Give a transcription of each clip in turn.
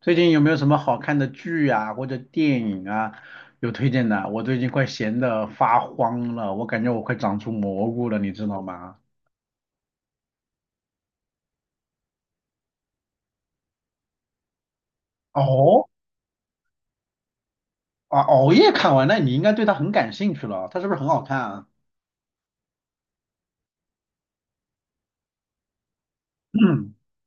最近有没有什么好看的剧啊，或者电影啊，有推荐的？我最近快闲得发慌了，我感觉我快长出蘑菇了，你知道吗？哦，啊，熬夜看完，那你应该对它很感兴趣了，它是不是很好看啊？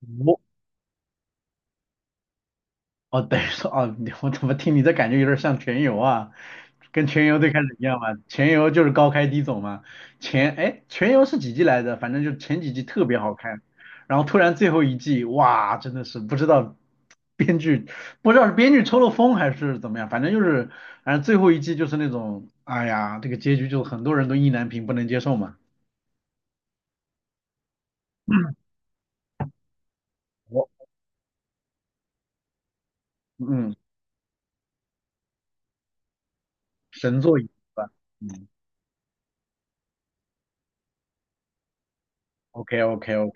我哦，等于说哦，我怎么听你这感觉有点像全游啊？跟全游最开始一样嘛，全游就是高开低走嘛。哎，全游是几季来着？反正就前几季特别好看，然后突然最后一季，哇，真的是不知道编剧不知道是编剧抽了风还是怎么样，反正最后一季就是那种，哎呀，这个结局就很多人都意难平，不能接受嘛。我嗯，神作一部吧。嗯，OK OK OK，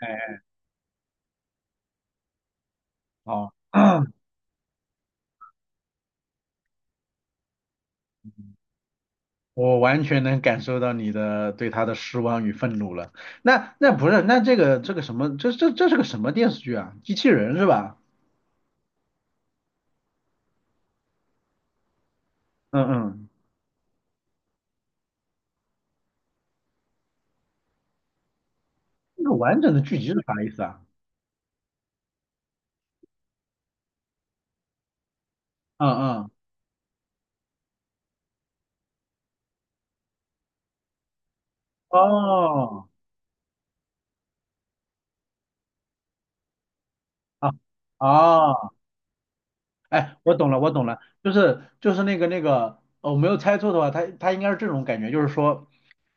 哎好。我完全能感受到你的对他的失望与愤怒了。那不是，那这个什么，这是个什么电视剧啊？机器人是吧？嗯嗯，这个完整的剧集是啥意思啊？嗯嗯，哦啊哦，哎，我懂了，我懂了，就是那个，我没有猜错的话，它应该是这种感觉，就是说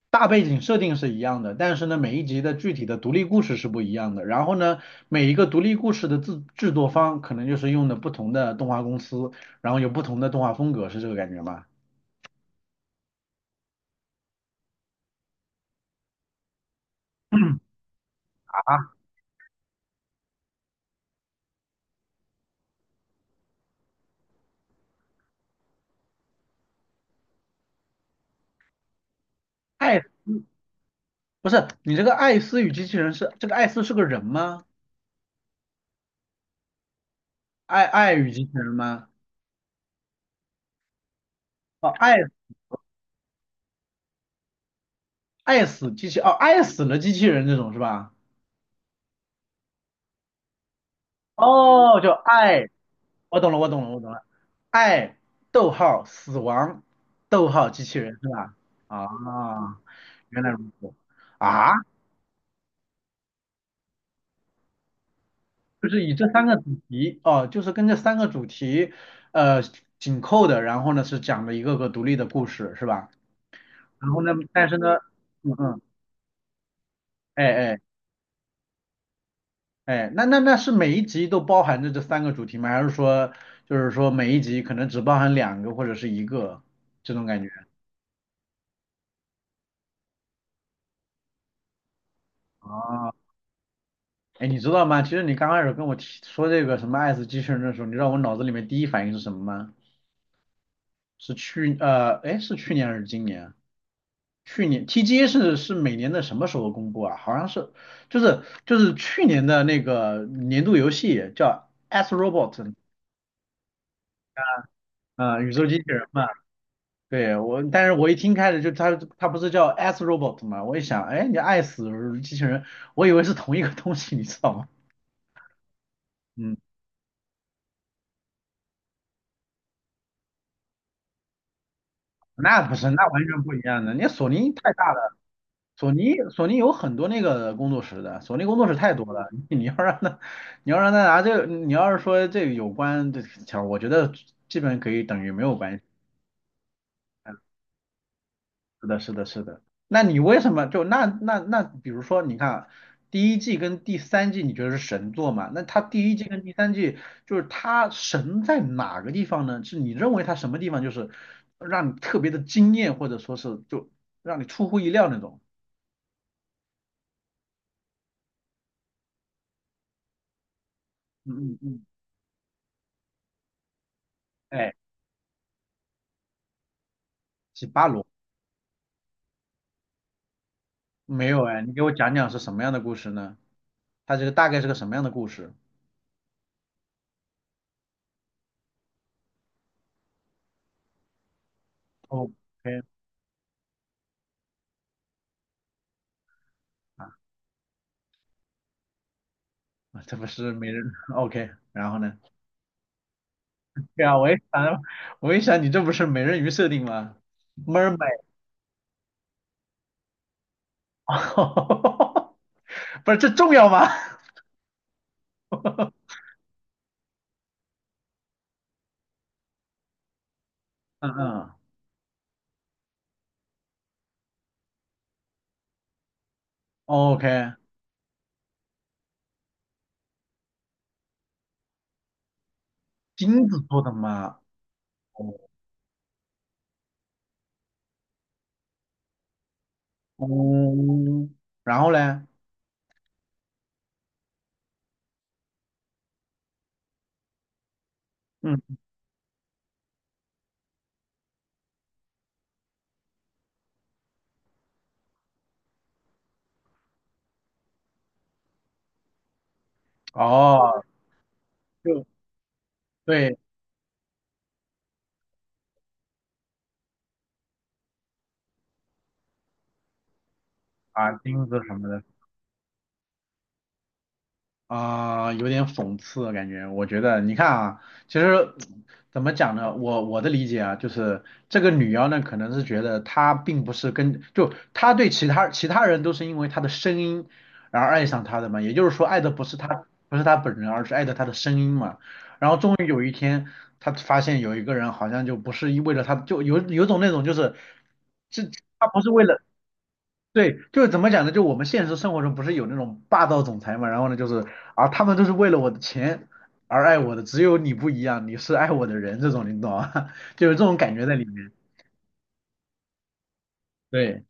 大背景设定是一样的，但是呢，每一集的具体的独立故事是不一样的。然后呢，每一个独立故事的制作方可能就是用的不同的动画公司，然后有不同的动画风格，是这个感觉吗？啊，艾斯不是你这个艾斯与机器人是这个艾斯是个人吗？爱与机器人吗？哦，爱死机器哦，爱死了机器人这种是吧？哦，叫爱。我懂了，我懂了，我懂了。爱，逗号，死亡，逗号，机器人是吧？啊，原来如此啊，就是以这三个主题哦，就是跟这三个主题呃紧扣的，然后呢是讲了一个个独立的故事是吧？然后呢，但是呢，嗯嗯，哎哎哎，那是每一集都包含着这三个主题吗？还是说就是说每一集可能只包含两个或者是一个这种感觉？啊？哎，你知道吗？其实你刚开始跟我提说这个什么爱死机器人的时候，你知道我脑子里面第一反应是什么吗？是哎，是去年还是今年啊？去年 TGA 是每年的什么时候公布啊？好像是就是去年的那个年度游戏叫《As Robot》啊、宇宙机器人嘛。对我，但是我一听开始就它不是叫 As Robot 嘛？我一想，哎，你爱死机器人，我以为是同一个东西，你知道吗？嗯，那不是，那完全不一样的。你索尼太大了。索尼有很多那个工作室的，索尼工作室太多了。你要让他拿这个，你要是说这个有关这条，我觉得基本可以等于没有关系。是的，是的，是的。那你为什么就那，比如说你看啊第一季跟第三季，你觉得是神作嘛？那他第一季跟第三季就是他神在哪个地方呢？是你认为他什么地方就是让你特别的惊艳，或者说是就让你出乎意料那种？嗯嗯嗯，哎，是巴罗。没有哎，你给我讲讲是什么样的故事呢？它这个大概是个什么样的故事？OK 啊，这不是美人 OK，然后呢？对啊，我一想你这不是美人鱼设定吗？Mermaid，不是这重要吗？嗯嗯，OK，金子做的吗？哦，嗯，然后嘞，嗯，哦，就对啊，金子什么的，啊、有点讽刺的感觉。我觉得，你看啊，其实怎么讲呢？我的理解啊，就是这个女妖呢，可能是觉得她并不是跟，就她对其他人都是因为她的声音然后爱上她的嘛，也就是说爱的不是她本人，而是爱的她的声音嘛。然后终于有一天，她发现有一个人好像就不是为了她，有种那种就是，这她不是为了。对，就是怎么讲呢？就我们现实生活中不是有那种霸道总裁嘛，然后呢，就是啊，他们都是为了我的钱而爱我的，只有你不一样，你是爱我的人，这种你懂吗？就有这种感觉在里面。对，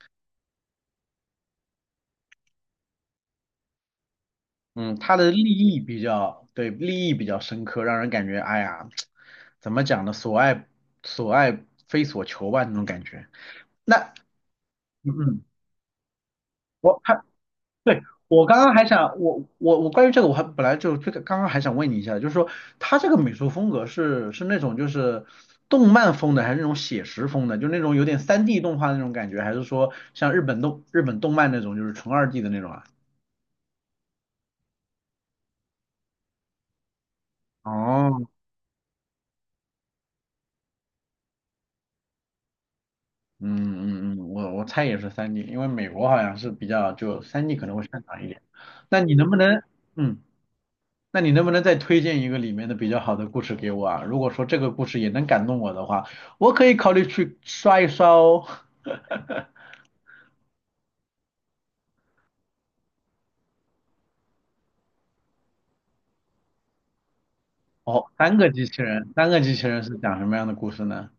嗯，他的利益比较，对，利益比较深刻，让人感觉，哎呀，怎么讲呢？所爱非所求吧，那种感觉。那，嗯嗯，我还对，我刚刚还想，我关于这个，我还本来就这个刚刚还想问你一下，就是说他这个美术风格是那种就是动漫风的，还是那种写实风的，就那种有点三 d 动画那种感觉，还是说像日本动漫那种就是纯2D 的那种啊？哦，嗯嗯嗯，我猜也是三 d 因为美国好像是比较就三 d 可能会擅长一点。那你能不能，嗯，那你能不能再推荐一个里面的比较好的故事给我啊？如果说这个故事也能感动我的话，我可以考虑去刷一刷哦。哦，三个机器人，三个机器人是讲什么样的故事呢？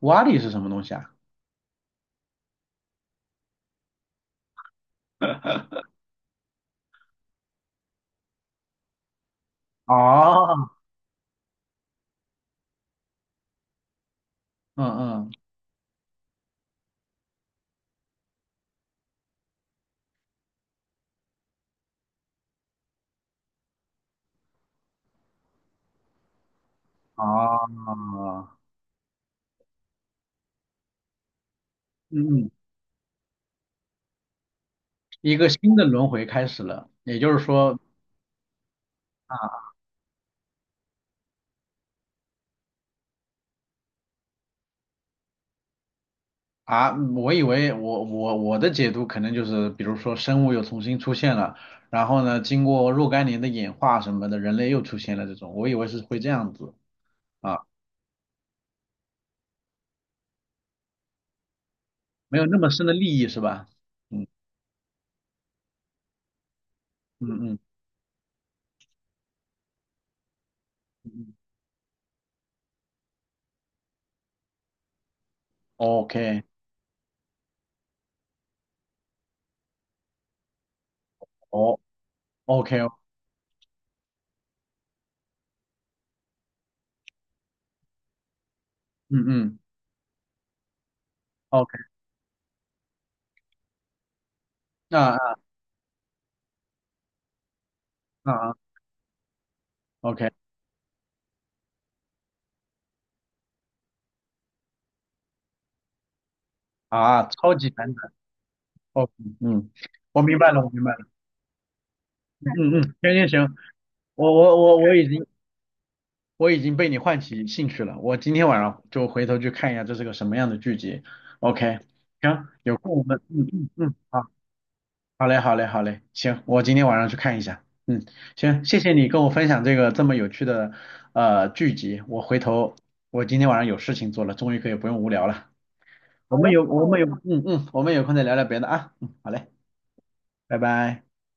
瓦力是什么东西啊？哦，嗯嗯，哦，嗯嗯，一个新的轮回开始了，也就是说。啊啊，我以为我的解读可能就是，比如说生物又重新出现了，然后呢，经过若干年的演化什么的，人类又出现了这种，我以为是会这样子。啊，没有那么深的利益是吧？嗯嗯嗯嗯嗯，OK，哦，OK，哦嗯嗯，OK，那啊啊啊，OK，啊，超级反转，OK 嗯，我明白了，我明白了，嗯嗯，嗯行行行，我我我我已经我已经被你唤起兴趣了，我今天晚上就回头去看一下这是个什么样的剧集，OK，行，有空我们嗯嗯嗯，好。好嘞，好嘞，好嘞，行，我今天晚上去看一下。嗯，行，谢谢你跟我分享这个这么有趣的剧集，我回头我今天晚上有事情做了，终于可以不用无聊了。我们有嗯嗯，我们有空再聊聊别的啊。嗯，好嘞，拜拜。